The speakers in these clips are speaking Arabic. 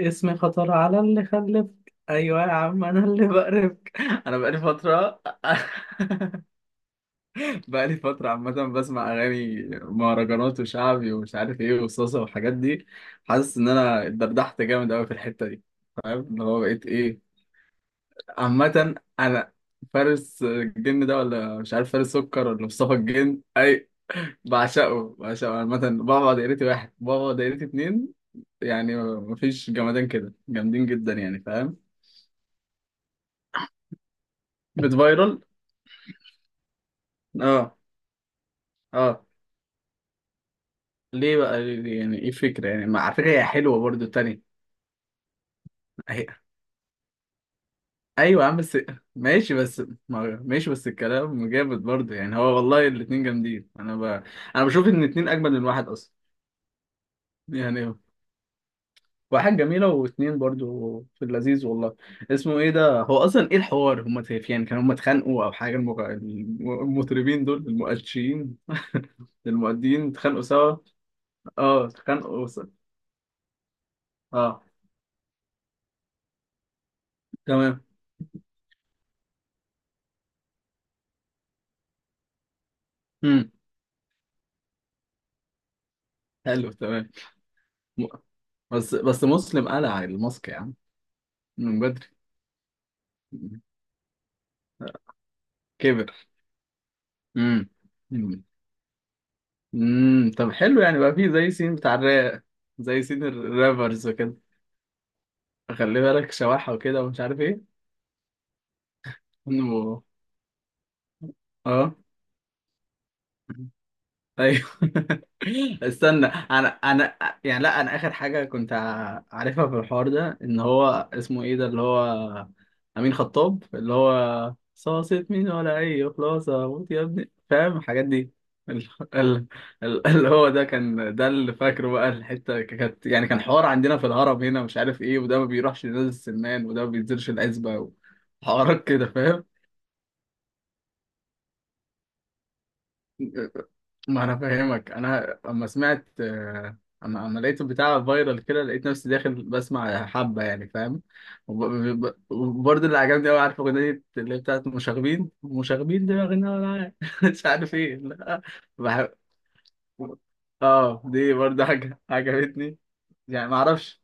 اسمي خطر على اللي خلفك. ايوه يا عم انا اللي بقرفك. انا بقالي فتره. بقالي فتره عامه بسمع اغاني مهرجانات وشعبي ومش عارف ايه وصوصه والحاجات دي. حاسس ان انا اتدردحت جامد قوي في الحته دي. فاهم اللي هو بقيت ايه؟ عامه انا فارس الجن ده ولا مش عارف فارس سكر ولا مصطفى الجن اي. بعشقه بعشقه عامه، بابا دايرتي واحد، بابا دايرتي اتنين. يعني مفيش جمدان كده، جامدين جدا يعني فاهم. بتفايرل. اه. اه. يعني ايه فكرة؟ يعني ما على فكرة هي حلوة برضو التانية. أهي. ايوه يا عم بس. ماشي بس. ماشي بس الكلام جامد برضو. يعني هو والله الاتنين جامدين، انا ب... انا بشوف ان الاتنين اجمل من واحد اصلا. يعني واحد جميلة واتنين برضو في اللذيذ والله. اسمه ايه ده هو اصلا؟ ايه الحوار؟ يعني كانوا هم اتخانقوا او حاجة المغ... المطربين دول المؤشرين المؤدين اتخانقوا سوا. اه اتخانقوا سوا. اه. تمام. امم. حلو تمام. م-. بس بس مسلم قلع الماسك يا عم. من بدري. كبر. امم. امم. أمم. طب حلو، يعني بقى فيه زي سين بتاع الراب؟ زي سين الرابرز وكده. خلي بالك شواحة وكده ومش عارف ايه. انه. اه. ايوه. استنى انا. يعني لا انا اخر حاجه كنت عارفها في الحوار ده ان هو اسمه ايه ده اللي هو امين خطاب، اللي هو صاصة مين ولا اي، خلاصه موت يا ابني فاهم الحاجات دي. ال- ال- اللي هو ده كان ده اللي فاكره بقى، الحته كانت يعني كان حوار عندنا في الهرم هنا مش عارف ايه، وده ما بيروحش لنادي السمان، وده ما بينزلش العزبه، وحوارات كده فاهم. ما انا فاهمك، انا اما سمعت اما لقيت البتاع فايرال كده لقيت نفسي داخل بسمع حبه يعني فاهم. وب- ب- ب- وبرضه اللي عجبني قوي، عارف اغنيه اللي هي بتاعت مشاغبين؟ مشاغبين دماغنا ولا مش عارف ايه لا. بحب. اه دي برضه حاجه عجبتني. يعني ما اعرفش.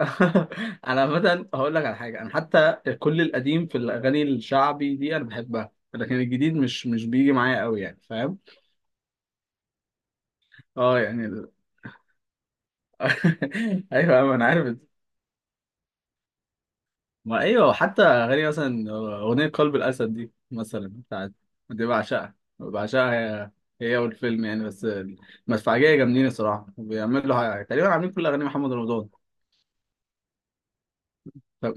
انا مثلا هقول لك على حاجه، انا حتى كل القديم في الاغاني الشعبي دي انا بحبها، لكن الجديد مش مش بيجي معايا قوي يعني فاهم. اه يعني. ايوه أيوة، انا عارف. ما ايوه، حتى اغاني مثلا اغنيه قلب الاسد دي مثلا بتاعت. دي بعشقها بعشقها. هي هي والفيلم يعني، بس المدفعجيه جامدين الصراحه، بيعملوا حاجة. تقريبا عاملين كل اغاني محمد رمضان. طب،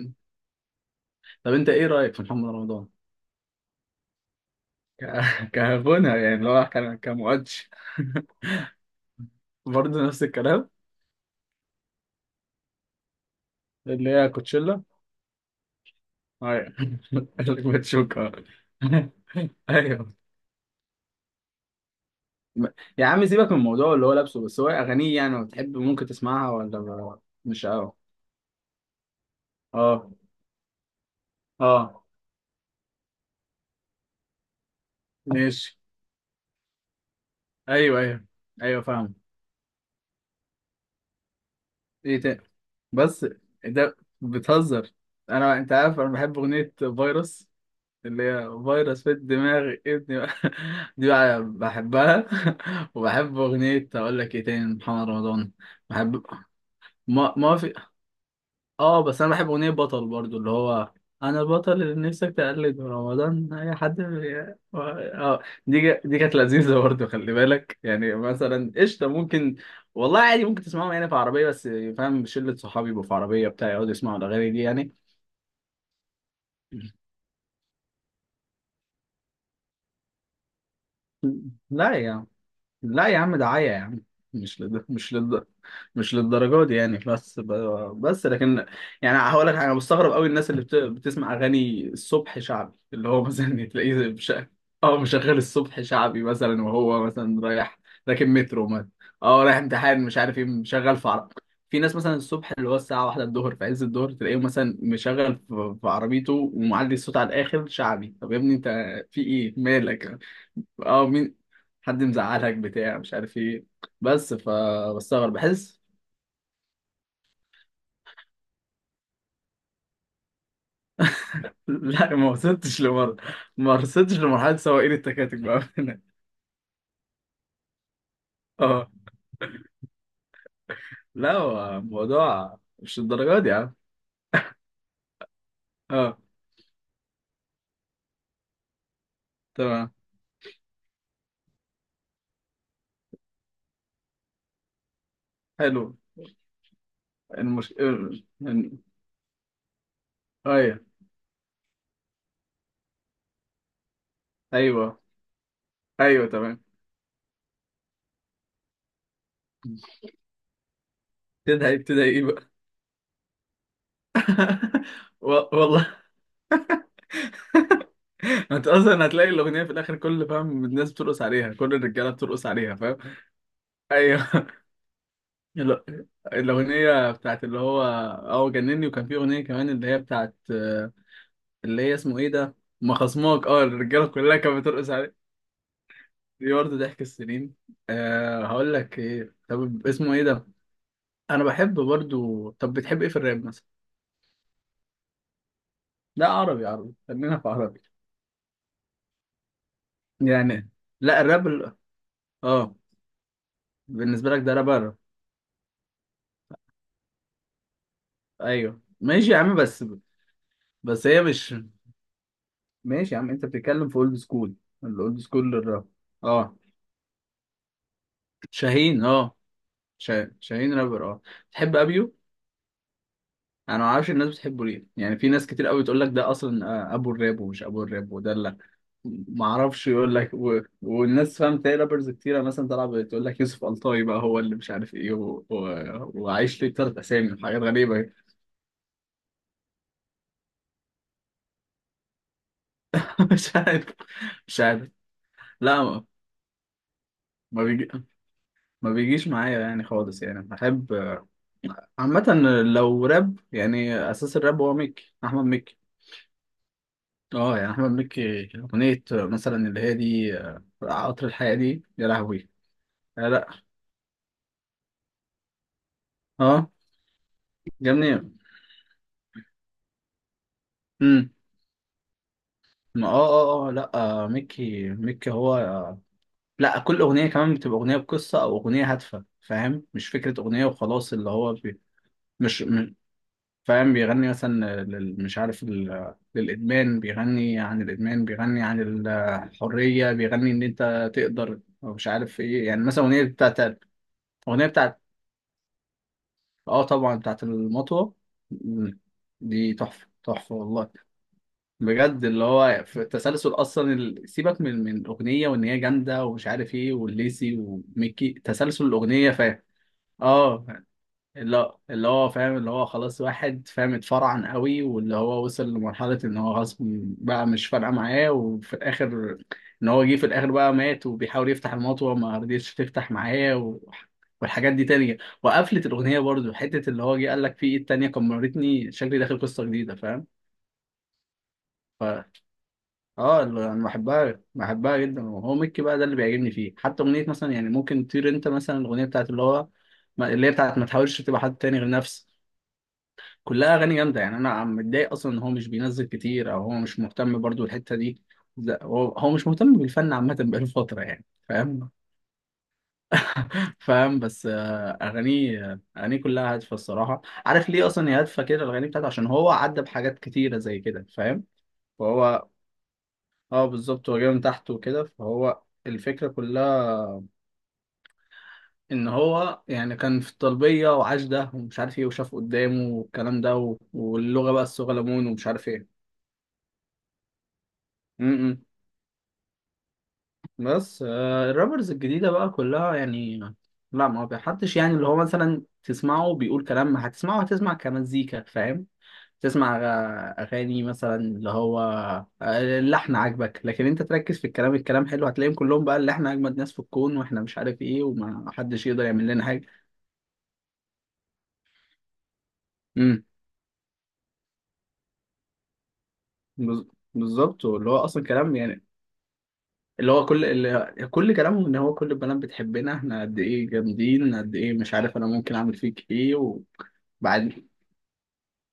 طب انت ايه رايك في محمد رمضان؟ كغنى يعني، اللي هو كان كمؤدش. برضه نفس الكلام. اللي هي كوتشيلا ايوه. بتشوكها. ايوه. م-. يا عم سيبك من الموضوع اللي هو لابسه، بس هو اغانيه يعني لو بتحب ممكن تسمعها ولا مش قوي. اه. اه ماشي. ايوه ايوه. ايوه فاهم. ايه تاني؟ بس. ده بتهزر. انت عارف انا بحب اغنيه فيروس، اللي هي فيروس في الدماغ ابني. دي بقى بحبها. وبحب اغنيه، اقول لك ايه تاني، محمد رمضان. بحب. ما في. اه بس انا بحب اغنيه بطل برضو، اللي هو انا البطل اللي نفسك تقلد من رمضان، اي حد اه دي دي كانت لذيذه برضو، خلي بالك. يعني مثلا قشطه ممكن والله عادي، ممكن تسمعهم يعني في عربيه بس فاهم، شله صحابي يبقوا في عربيه بتاع يقعدوا يسمعوا الاغاني دي يعني. لا يعني لا يا عم، دعاية يا عم. مش لد... مش لد... مش للدرجة دي يعني، بس ب... بس لكن يعني هقول لك حاجة، انا مستغرب قوي الناس اللي بت... بتسمع اغاني الصبح شعبي، اللي هو مثلا تلاقيه مش... اه مشغل الصبح شعبي مثلا، وهو مثلا رايح راكب مترو مثلا. اه رايح امتحان مش عارف ايه مشغل في عرب. في ناس مثلا الصبح اللي هو الساعة واحدة الظهر في عز الظهر، تلاقيه مثلا مشغل في في عربيته ومعلي الصوت على الآخر شعبي. طب يا ابني انت في ايه مالك؟ اه مين؟ حد مزعلك بتاع مش عارف ايه. بس فبستغرب بحس. لا ما وصلتش لمر، ما وصلتش لمرحلة سواقين التكاتك بقى هنا. اه لا هو الموضوع مش الدرجات دي يا عم. اه. تمام. حلو. المش إن-. ايوه ايوه. ايوه تمام. تدعي بتدعي ايه بقى؟ والله. انت اصلا هتلاقي الاغنيه في الاخر كل فاهم، الناس بترقص عليها، كل الرجاله بترقص عليها فاهم. ايوه. ال- الأغنية بتاعت اللي هو اه جنني، وكان في أغنية كمان اللي هي بتاعت اللي هي اسمه ايه ده؟ ما خصماك، اه الرجالة كلها كانت بترقص عليه. دي برضه ضحك السنين. أه هقول لك ايه، طب اسمه ايه ده؟ أنا بحب برضه، طب بتحب ايه في الراب مثلا؟ لا عربي عربي، خلينا في عربي. يعني لا الراب ال-. اه بالنسبة لك ده راب راب. ايوه ماشي يا عم بس. بس هي مش. ماشي يا عم، انت بتتكلم في اولد سكول، الاولد سكول للراب. اه شاهين اه. شاهين رابر اه. تحب ابيو؟ انا ما اعرفش الناس بتحبه ليه يعني، في ناس كتير قوي تقول لك ده اصلا ابو الراب ومش ابو الراب ودلع. ما اعرفش، يقول لك و... والناس فاهم تلاقي رابرز كتيره مثلا طالعه بتقول لك يوسف ألطاي بقى هو اللي مش عارف ايه و... و... وعايش ليه تلات اسامي وحاجات غريبه كده. مش عارف. مش عارف. لا ما ما بيجي... ما بيجيش معايا يعني خالص، يعني بحب عامة لو راب يعني، أساس الراب هو ميكي، أحمد مكي. اه يعني احمد مكي، اغنيه مثلا اللي هي دي قطر الحياه دي يا لهوي. آه لا. اه. جميل. امم. ما اه. اه اه لا. مكي مكي هو لا كل اغنيه كمان بتبقى اغنيه بقصه او اغنيه هادفه فاهم، مش فكره اغنيه وخلاص اللي هو بي... مش م... فاهم، بيغني مثلا لل... مش عارف ال... للادمان، بيغني عن الادمان، بيغني عن الحريه، بيغني ان انت تقدر أو مش عارف ايه، يعني مثلا اغنيه بتاعت، اغنيه بتاعت اه طبعا بتاعت المطوة. مم. دي تحفة تحفة والله، بجد اللي هو في التسلسل اصلا ال-، سيبك من من الاغنية وان هي جامدة ومش عارف ايه، والليسي وميكي تسلسل الاغنية فاهم. اه اللي هو فاهم، اللي هو خلاص واحد فاهم اتفرعن قوي، واللي هو وصل لمرحلة ان هو خلاص بقى مش فارقة معاه، وفي الاخر ان هو جه في الاخر بقى مات وبيحاول يفتح الموت وما رضيتش تفتح معاه و... والحاجات دي تانية. وقفلت الأغنية برضو حتة اللي هو جه قال لك في إيد تانية كمرتني شكلي داخل قصة جديدة فاهم. فا اه اللي أنا بحبها بحبها جدا، وهو ميكي بقى ده اللي بيعجبني فيه، حتى أغنية مثلا يعني ممكن تطير أنت مثلا، الأغنية بتاعت اللي هو اللي هي بتاعت ما تحاولش تبقى حد تاني غير نفسك. كلها اغاني جامده، يعني انا عم متضايق اصلا ان هو مش بينزل كتير، او هو مش مهتم برضو الحته دي. لا هو هو مش مهتم بالفن عامه، بقاله فتره يعني فاهم. فاهم بس اغانيه اغانيه كلها هادفه الصراحه، عارف ليه اصلا هي هادفه كده الاغاني بتاعته؟ عشان هو عدى بحاجات كتيره زي كده فاهم. فهو اه بالظبط، هو جاي من تحت وكده، فهو الفكره كلها ان هو يعني كان في الطلبيه وعاش ده ومش عارف ايه، وشاف قدامه والكلام ده واللغه بقى الصغلمون ومش عارف ايه. بس الرابرز الجديدة بقى كلها يعني، لا ما بحدش، يعني اللي هو مثلا تسمعه بيقول كلام، ما هتسمعه هتسمع كمزيكا فاهم. تسمع أغاني مثلا اللي هو آه، اللحن عاجبك، لكن أنت تركز في الكلام، الكلام حلو، هتلاقيهم كلهم بقى اللي إحنا أجمد ناس في الكون وإحنا مش عارف إيه وما حدش يقدر يعمل لنا حاجة. امم. بز- بالظبط، اللي هو أصلا كلام يعني، اللي هو كل اللي كل كلامهم إن هو كل البنات بتحبنا، إحنا قد إيه جامدين قد إيه مش عارف، أنا ممكن أعمل فيك إيه و... بعد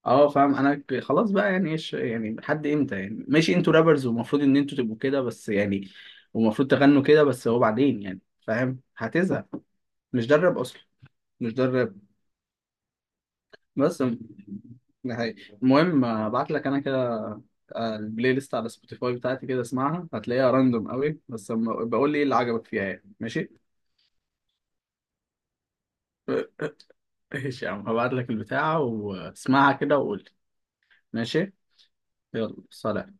اه فاهم انا خلاص بقى يعني ايش يعني لحد امتى يعني، ماشي انتوا رابرز ومفروض ان انتوا تبقوا كده بس، يعني ومفروض تغنوا كده بس، هو بعدين يعني فاهم هتزهق. مش ده الراب اصلا. مش ده الراب. بس م-. ده حقيقي. المهم ابعت لك انا كده البلاي ليست على سبوتيفاي بتاعتي كده اسمعها، هتلاقيها راندوم قوي بس أما-. بقول لي ايه اللي عجبك فيها يعني، ماشي. ماشي يا عم، هبعت لك البتاعة واسمعها كده وقول لي. ماشي. يلا سلام.